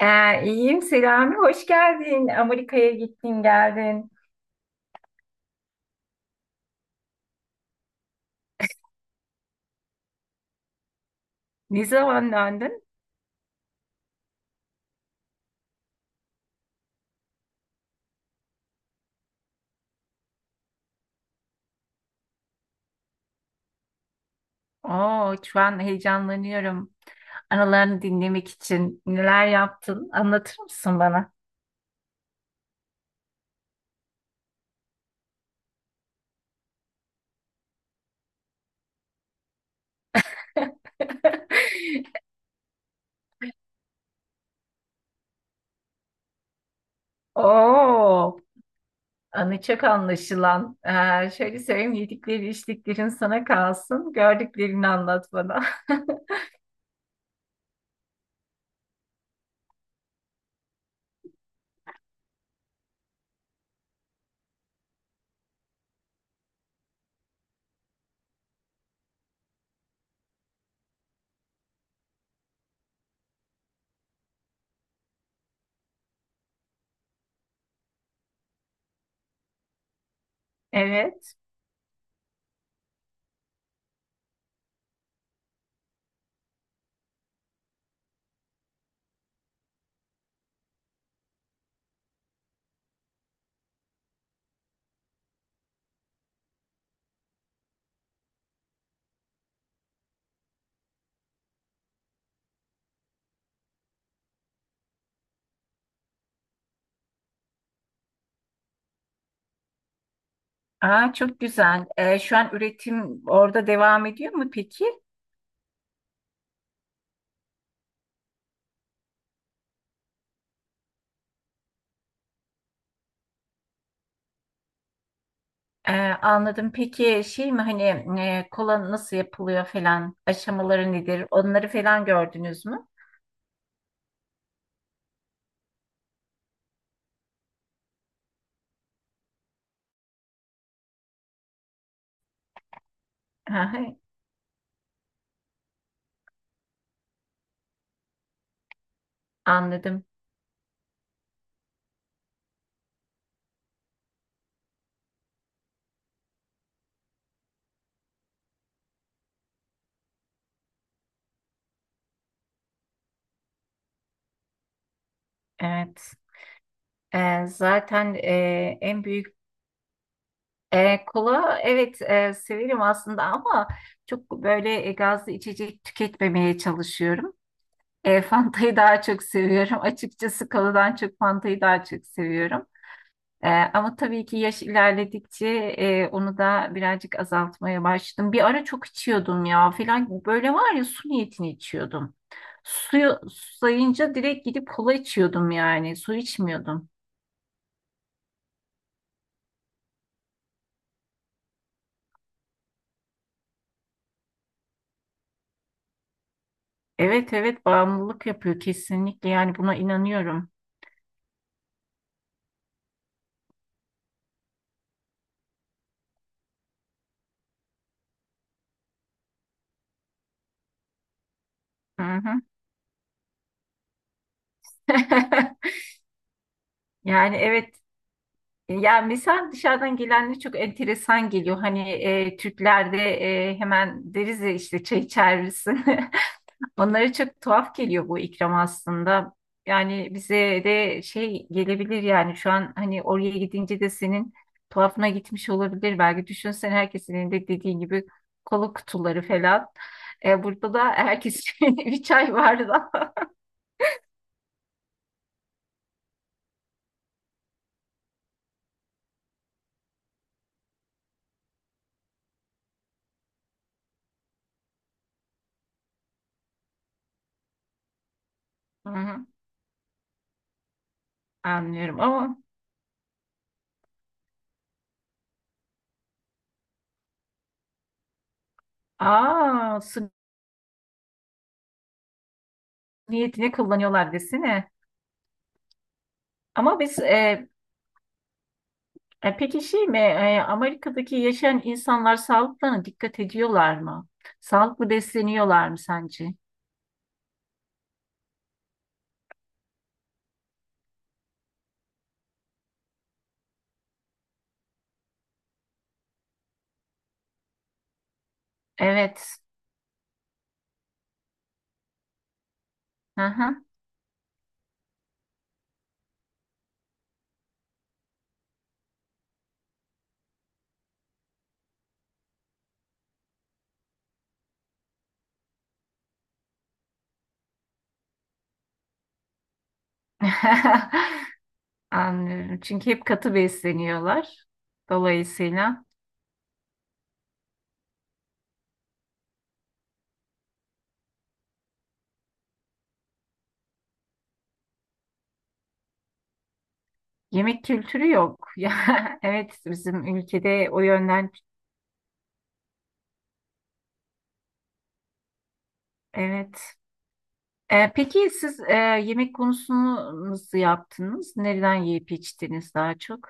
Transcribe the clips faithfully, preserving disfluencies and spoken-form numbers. Ee, iyiyim Selami, hoş geldin. Amerika'ya gittin geldin. Ne zaman döndün? Oo, şu an heyecanlanıyorum. Anılarını dinlemek için neler yaptın? Anlatır mısın bana? Oo, anı çok anlaşılan. Ee, şöyle söyleyeyim, yedikleri içtiklerin sana kalsın. Gördüklerini anlat bana. Evet. Aa, çok güzel. Ee, şu an üretim orada devam ediyor mu peki? Ee, Anladım. Peki şey mi hani e, kola nasıl yapılıyor falan aşamaları nedir? Onları falan gördünüz mü? Hı hı, anladım. Evet. Ee, zaten e, en büyük e, kola evet, e, severim aslında ama çok böyle e, gazlı içecek tüketmemeye çalışıyorum. E, Fanta'yı daha çok seviyorum. Açıkçası koladan çok Fanta'yı daha çok seviyorum. Ee, ama tabii ki yaş ilerledikçe e, onu da birazcık azaltmaya başladım. Bir ara çok içiyordum ya filan. Böyle var ya su niyetini içiyordum. Suyu sayınca direkt gidip kola içiyordum yani. Su içmiyordum. Evet, evet, bağımlılık yapıyor kesinlikle. Yani buna inanıyorum. Hı hı. Yani evet. Yani mesela dışarıdan gelenler çok enteresan geliyor. Hani e, Türklerde e, hemen deriz ya işte çay içer misin? Onlara çok tuhaf geliyor bu ikram aslında. Yani bize de şey gelebilir, yani şu an hani oraya gidince de senin tuhafına gitmiş olabilir. Belki düşünsen herkesin de dediğin gibi kola kutuları falan. E, burada da herkes bir çay vardı. Hı hı, anlıyorum ama aa su niyetine kullanıyorlar desene. Ama biz e, e, peki şey mi, e, Amerika'daki yaşayan insanlar sağlıklarına dikkat ediyorlar mı? Sağlıklı besleniyorlar mı sence? Evet. Hı hı. Anlıyorum. Çünkü hep katı besleniyorlar. Dolayısıyla yemek kültürü yok. Ya evet, bizim ülkede o yönden evet. Ee, peki siz e, yemek konusunu nasıl yaptınız? Nereden yiyip içtiniz daha çok?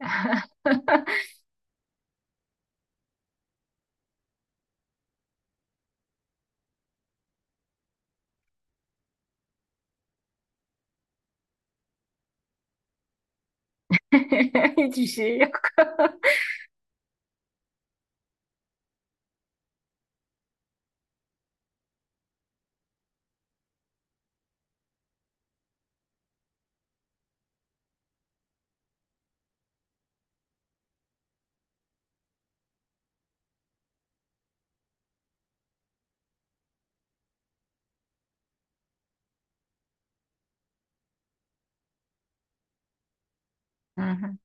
Hiçbir şey yok. Hı hı.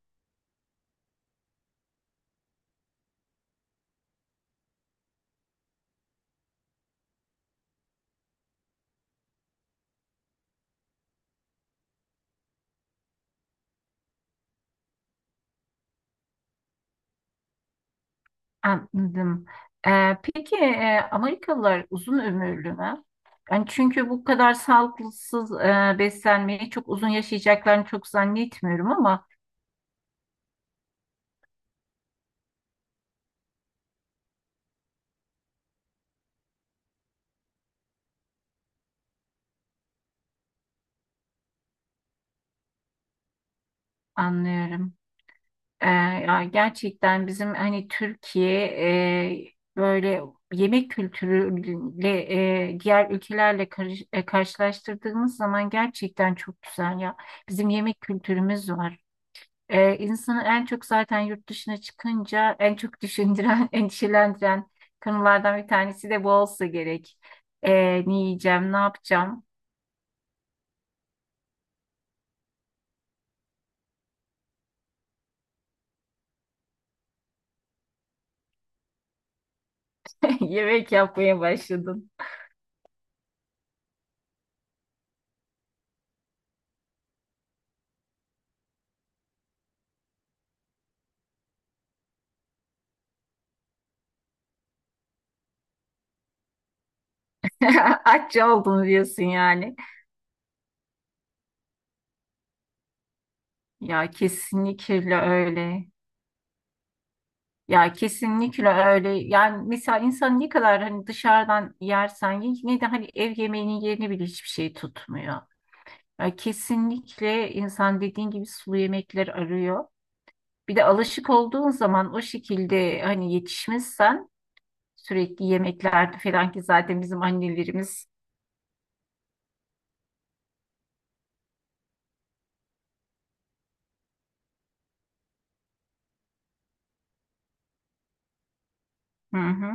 Anladım. Ee, peki e, Amerikalılar uzun ömürlü mü? Yani çünkü bu kadar sağlıksız e, beslenmeyi çok uzun yaşayacaklarını çok zannetmiyorum ama anlıyorum. Ee, Ya gerçekten bizim hani Türkiye e, böyle yemek kültürüyle e, diğer ülkelerle karış- e, karşılaştırdığımız zaman gerçekten çok güzel ya. Bizim yemek kültürümüz var. Ee, insanı en çok zaten yurt dışına çıkınca en çok düşündüren, endişelendiren konulardan bir tanesi de bu olsa gerek. Ee, ne yiyeceğim, ne yapacağım? Yemek yapmaya başladım. Aç oldum diyorsun yani. Ya kesinlikle öyle. Ya kesinlikle öyle. Yani mesela insan ne kadar hani dışarıdan yersen ye, yine de hani ev yemeğinin yerini bile hiçbir şey tutmuyor. Ya kesinlikle insan dediğin gibi sulu yemekler arıyor. Bir de alışık olduğun zaman o şekilde hani yetişmişsen sürekli yemeklerde falan ki zaten bizim annelerimiz hı hı,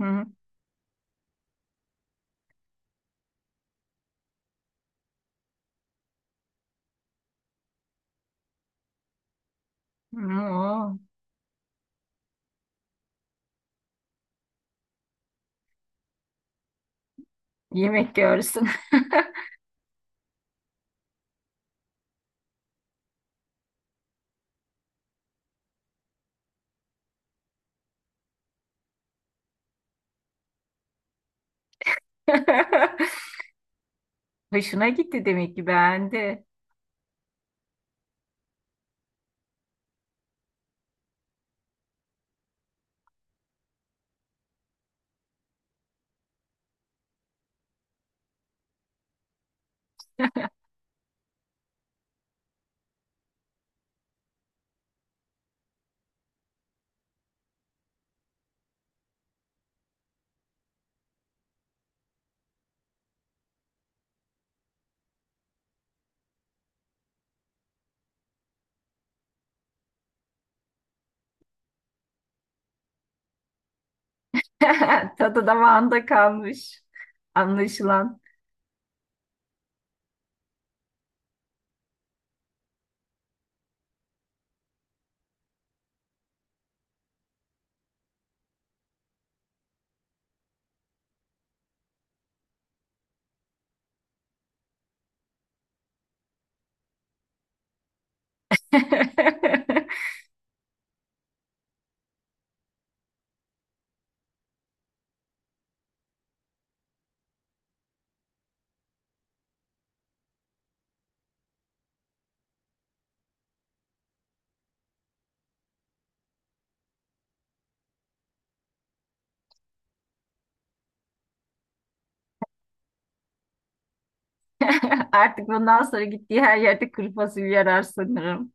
hı hı oo, yemek görsün. Hoşuna gitti demek ki, beğendi. Tadı damağında kalmış anlaşılan. Artık bundan sonra gittiği her yerde kuru fasulye arar sanırım.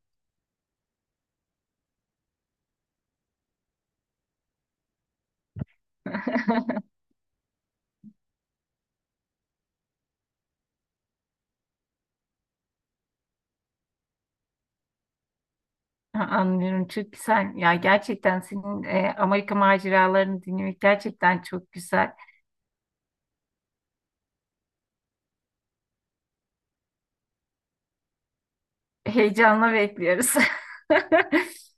Ha, anlıyorum, çok güzel. Ya gerçekten senin e, Amerika maceralarını dinlemek gerçekten çok güzel. Heyecanla bekliyoruz.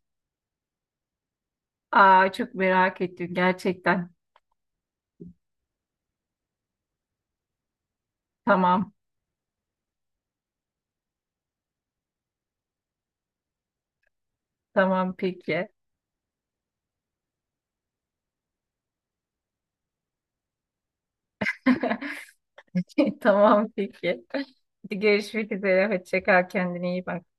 Aa, çok merak ettim gerçekten. Tamam, tamam peki. Tamam peki. Görüşmek üzere. Hoşça kal, kendine iyi bak.